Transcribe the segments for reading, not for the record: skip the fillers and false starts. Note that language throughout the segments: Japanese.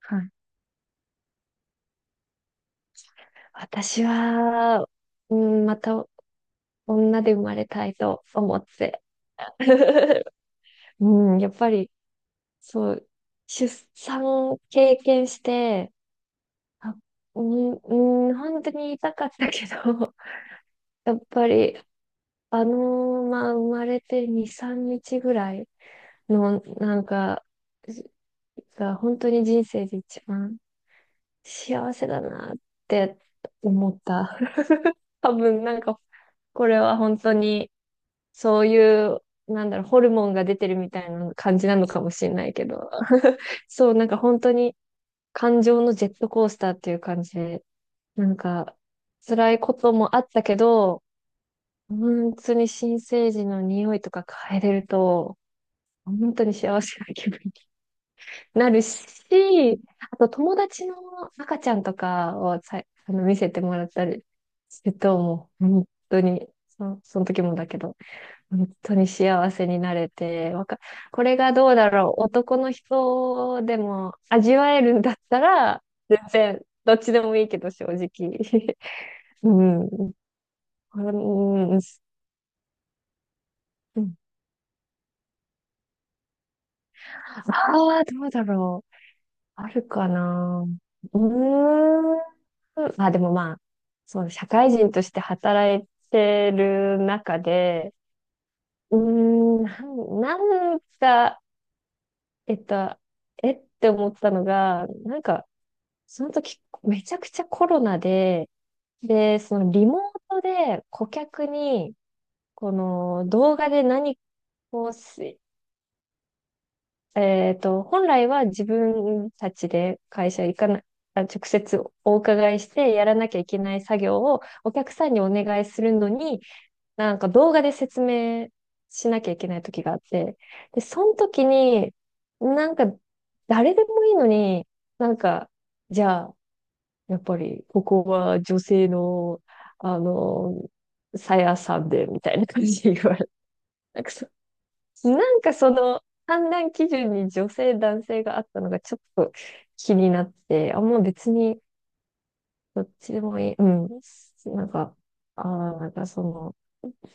はい。私は、うん、また女で生まれたいと思って。うん、やっぱり、そう、出産を経験して、あ、うん、うん、本当に痛かったけど、やっぱり、あのまあ、生まれて2、3日ぐらいの、なんか、が本当に人生で一番幸せだなって思った。多分、なんか、これは本当に、そういう、なんだろう、ホルモンが出てるみたいな感じなのかもしれないけど、そう、なんか本当に感情のジェットコースターっていう感じで、なんか辛いこともあったけど、本当に新生児の匂いとか嗅いでると、本当に幸せな気分になるし、あと友達の赤ちゃんとかをさ見せてもらったりすると、もう本当にその時もだけど、本当に幸せになれて、これがどうだろう、男の人でも味わえるんだったら、全然、どっちでもいいけど、正直。うん。うん。ああ、どうだろう。あるかな。うーん。あ、でもまあ、そうね、社会人として働いてる中で、うーん、なんか、えっと、えって思ったのが、なんか、その時、めちゃくちゃコロナで、そのリモートで顧客に、この動画で何かをすえっと、本来は自分たちで会社行かな、直接お伺いしてやらなきゃいけない作業をお客さんにお願いするのに、なんか動画で説明しなきゃいけない時があって、で、その時に、なんか誰でもいいのに、なんか、じゃあ、やっぱり、ここは女性の、あの、さやさんで、みたいな感じで言われなんかそ、なんかその、判断基準に女性、男性があったのがちょっと気になって、あ、もう別に、どっちでもいい。うん。なんか、ああ、なんかその、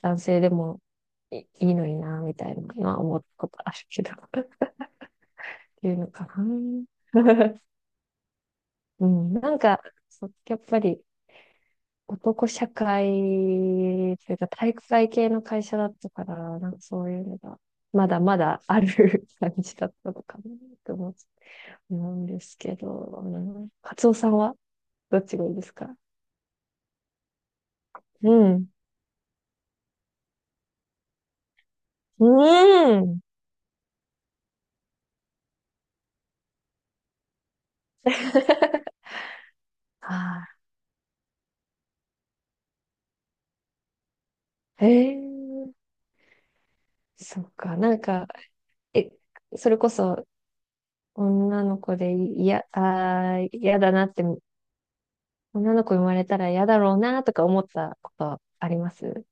男性でもいいのにな、みたいなのは思ったことあるけど、っていうのかな。うん。なんか、そうやっぱり、男社会というか体育会系の会社だったから、なんかそういうのが、まだまだある 感じだったのかなと思うんですけど、うん、カツオさんはどっちがいいですか？うん。うん。ああ、ええそっか。なんか、え、それこそ女の子でいやあー、嫌だなって、女の子生まれたら嫌だろうなとか思ったことあります？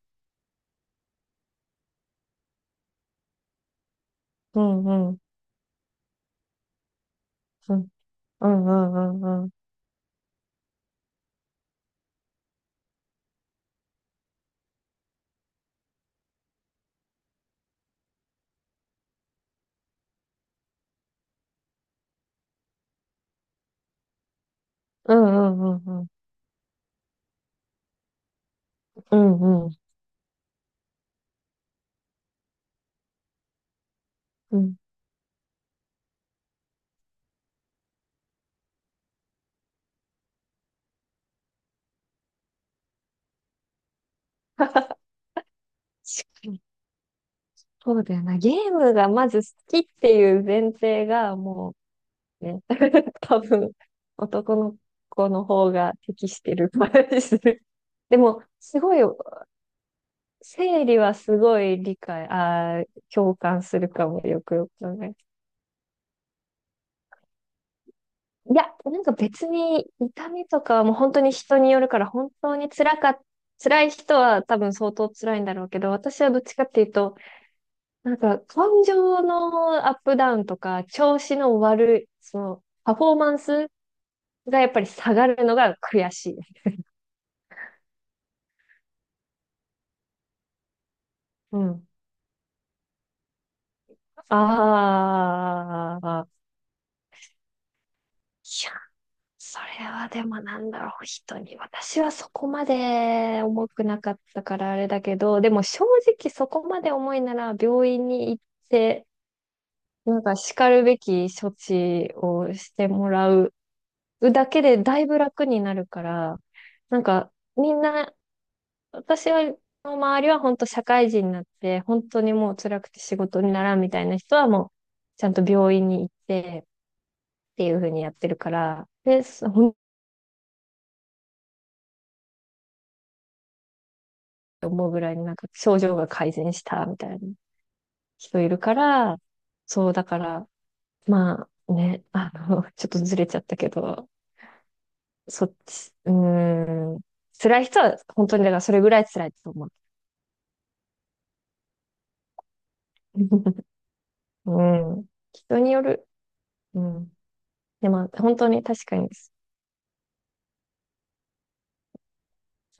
うんうん。うんうんうんうん。うんうんうんうん。うんうんうん。確かに。そうだよな。ゲームがまず好きっていう前提がもうね、多分男の子の方が適してる感じする。でも、すごい、生理はすごい理解、共感するかも、よくよく考えて。いや、なんか別に痛みとかはもう本当に人によるから、本当に辛かっ辛い人は多分相当辛いんだろうけど、私はどっちかっていうと、なんか、感情のアップダウンとか、調子の悪い、パフォーマンスがやっぱり下がるのが悔しいです。うん。ああ、いや、それはでもなんだろう、人に。私はそこまで重くなかったからあれだけど、でも正直そこまで重いなら病院に行って、なんか叱るべき処置をしてもらうだけでだいぶ楽になるから、なんかみんな私は、の周りは本当社会人になって、本当にもう辛くて仕事にならんみたいな人はもう、ちゃんと病院に行ってっていう風にやってるから、で、そほんと思うぐらいになんか症状が改善したみたいな人いるから、そうだから、まあね、ちょっとずれちゃったけど、そっち、うーん、辛い人は本当にだからそれぐらい辛いと思う。うん、人による。うん。でも本当に確かにです。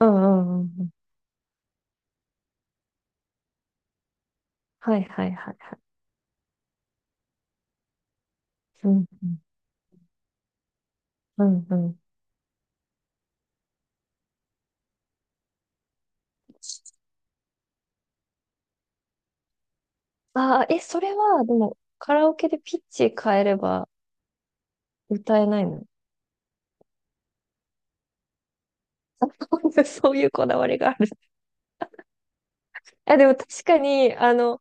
うんうんうんうん。はいはいはいはい。うん、うん、うんうん。ああ、え、それは、でも、カラオケでピッチ変えれば歌えないの？あ そういうこだわりがある。あ、でも確かに、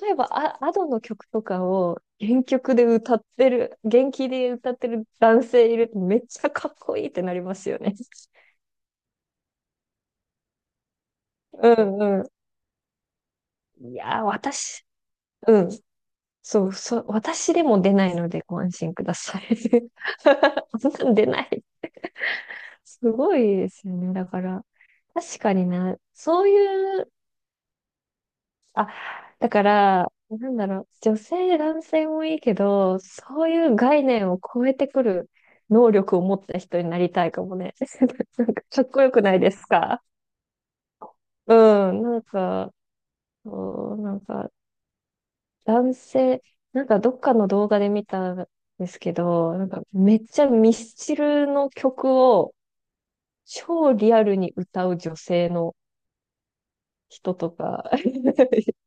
例えば、あ、アドの曲とかを原曲で歌ってる、原気で歌ってる男性いるとめっちゃかっこいいってなりますよね。うんうん。いやー、私、うん。そう、そう、私でも出ないのでご安心ください。そんなん出ない。すごいですよね。だから、確かにな、そういう、あ、だから、なんだろう、女性、男性もいいけど、そういう概念を超えてくる能力を持った人になりたいかもね。なんか、かっこよくないですか？うん、なんか、そう、なんか、男性、なんかどっかの動画で見たんですけど、なんかめっちゃミスチルの曲を超リアルに歌う女性の人とか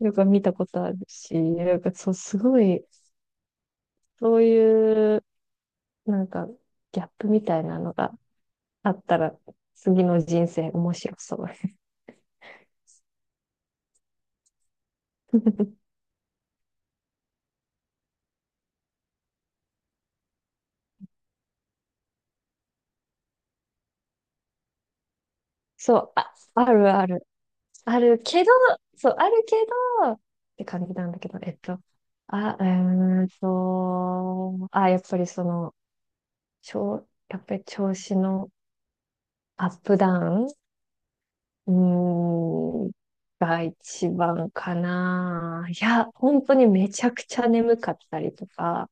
よく見たことあるし、なんかそう、すごい、そういう、なんか、ギャップみたいなのがあったら、次の人生面白そう。そう、あ、あるある。あるけど、そう、あるけど、って感じなんだけど、あ、あ、やっぱりその、やっぱり調子のアップダウンうーん、が一番かな。いや、本当にめちゃくちゃ眠かったりとか。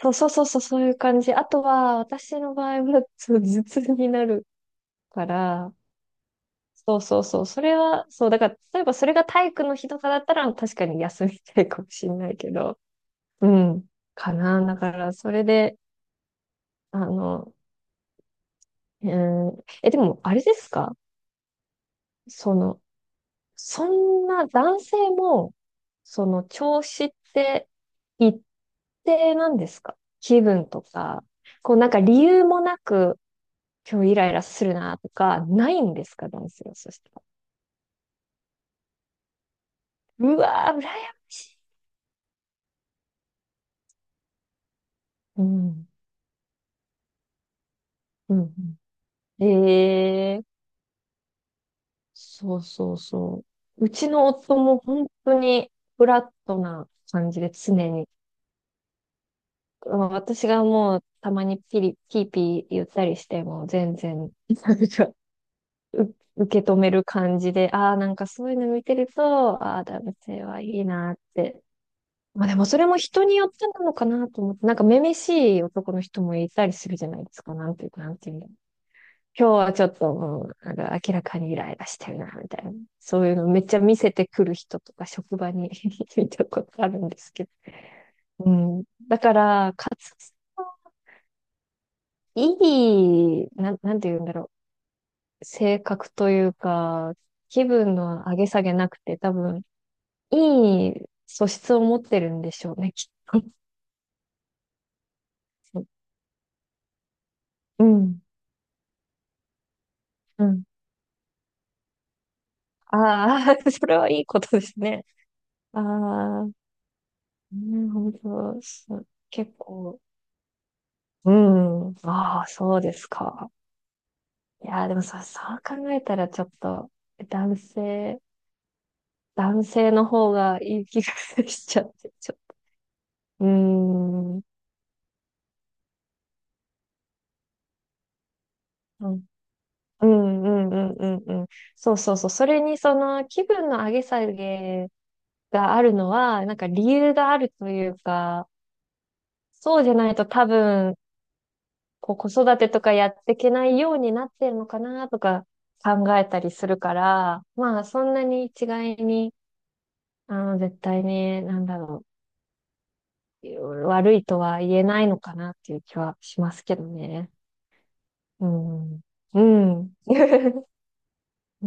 そうそうそうそう、そういう感じ。あとは、私の場合は、そう頭痛になるから、そうそうそう、それは、そう、だから、例えばそれが体育の日とかだったら、確かに休みたいかもしれないけど、うん、かな。だから、それで、あの、うん、え、でも、あれですかその、そんな男性も、その調子って一定なんですか？気分とか、こうなんか理由もなく今日イライラするなとか、ないんですか男性はそしたら。うわー、羨ましい、うん、うん、うん。ええそうそうそう。うちの夫も本当にフラットな感じで常に。まあ私がもうたまにピーピー言ったりしても全然、なんかう受け止める感じで、ああ、なんかそういうの見てると、ああ、男性はいいなって。まあでもそれも人によってなのかなと思って、なんかめめしい男の人もいたりするじゃないですか、なんていうか、なんていうんだろう。今日はちょっともう、なんか明らかにイライラしてるな、みたいな。そういうのめっちゃ見せてくる人とか職場に 見たことあるんですけど。うん。だから、かつ、いい、なん、なんていうんだろう。性格というか、気分の上げ下げなくて、多分、いい素質を持ってるんでしょうね、きっと。うん、うん。ああ、それはいいことですね。ああ、なるほど。そう結構、うん。ああ、そうですか。いやー、でもさ、そう考えたらちょっと、男性、男性の方がいい気がしちゃって、ちょっと。うーん。うんうんうんうんうんうん。そうそうそう。それにその気分の上げ下げがあるのは、なんか理由があるというか、そうじゃないと多分、こう子育てとかやっていけないようになってるのかなとか考えたりするから、まあそんなに一概に、絶対に、なんだろう、悪いとは言えないのかなっていう気はしますけどね。うん。うん。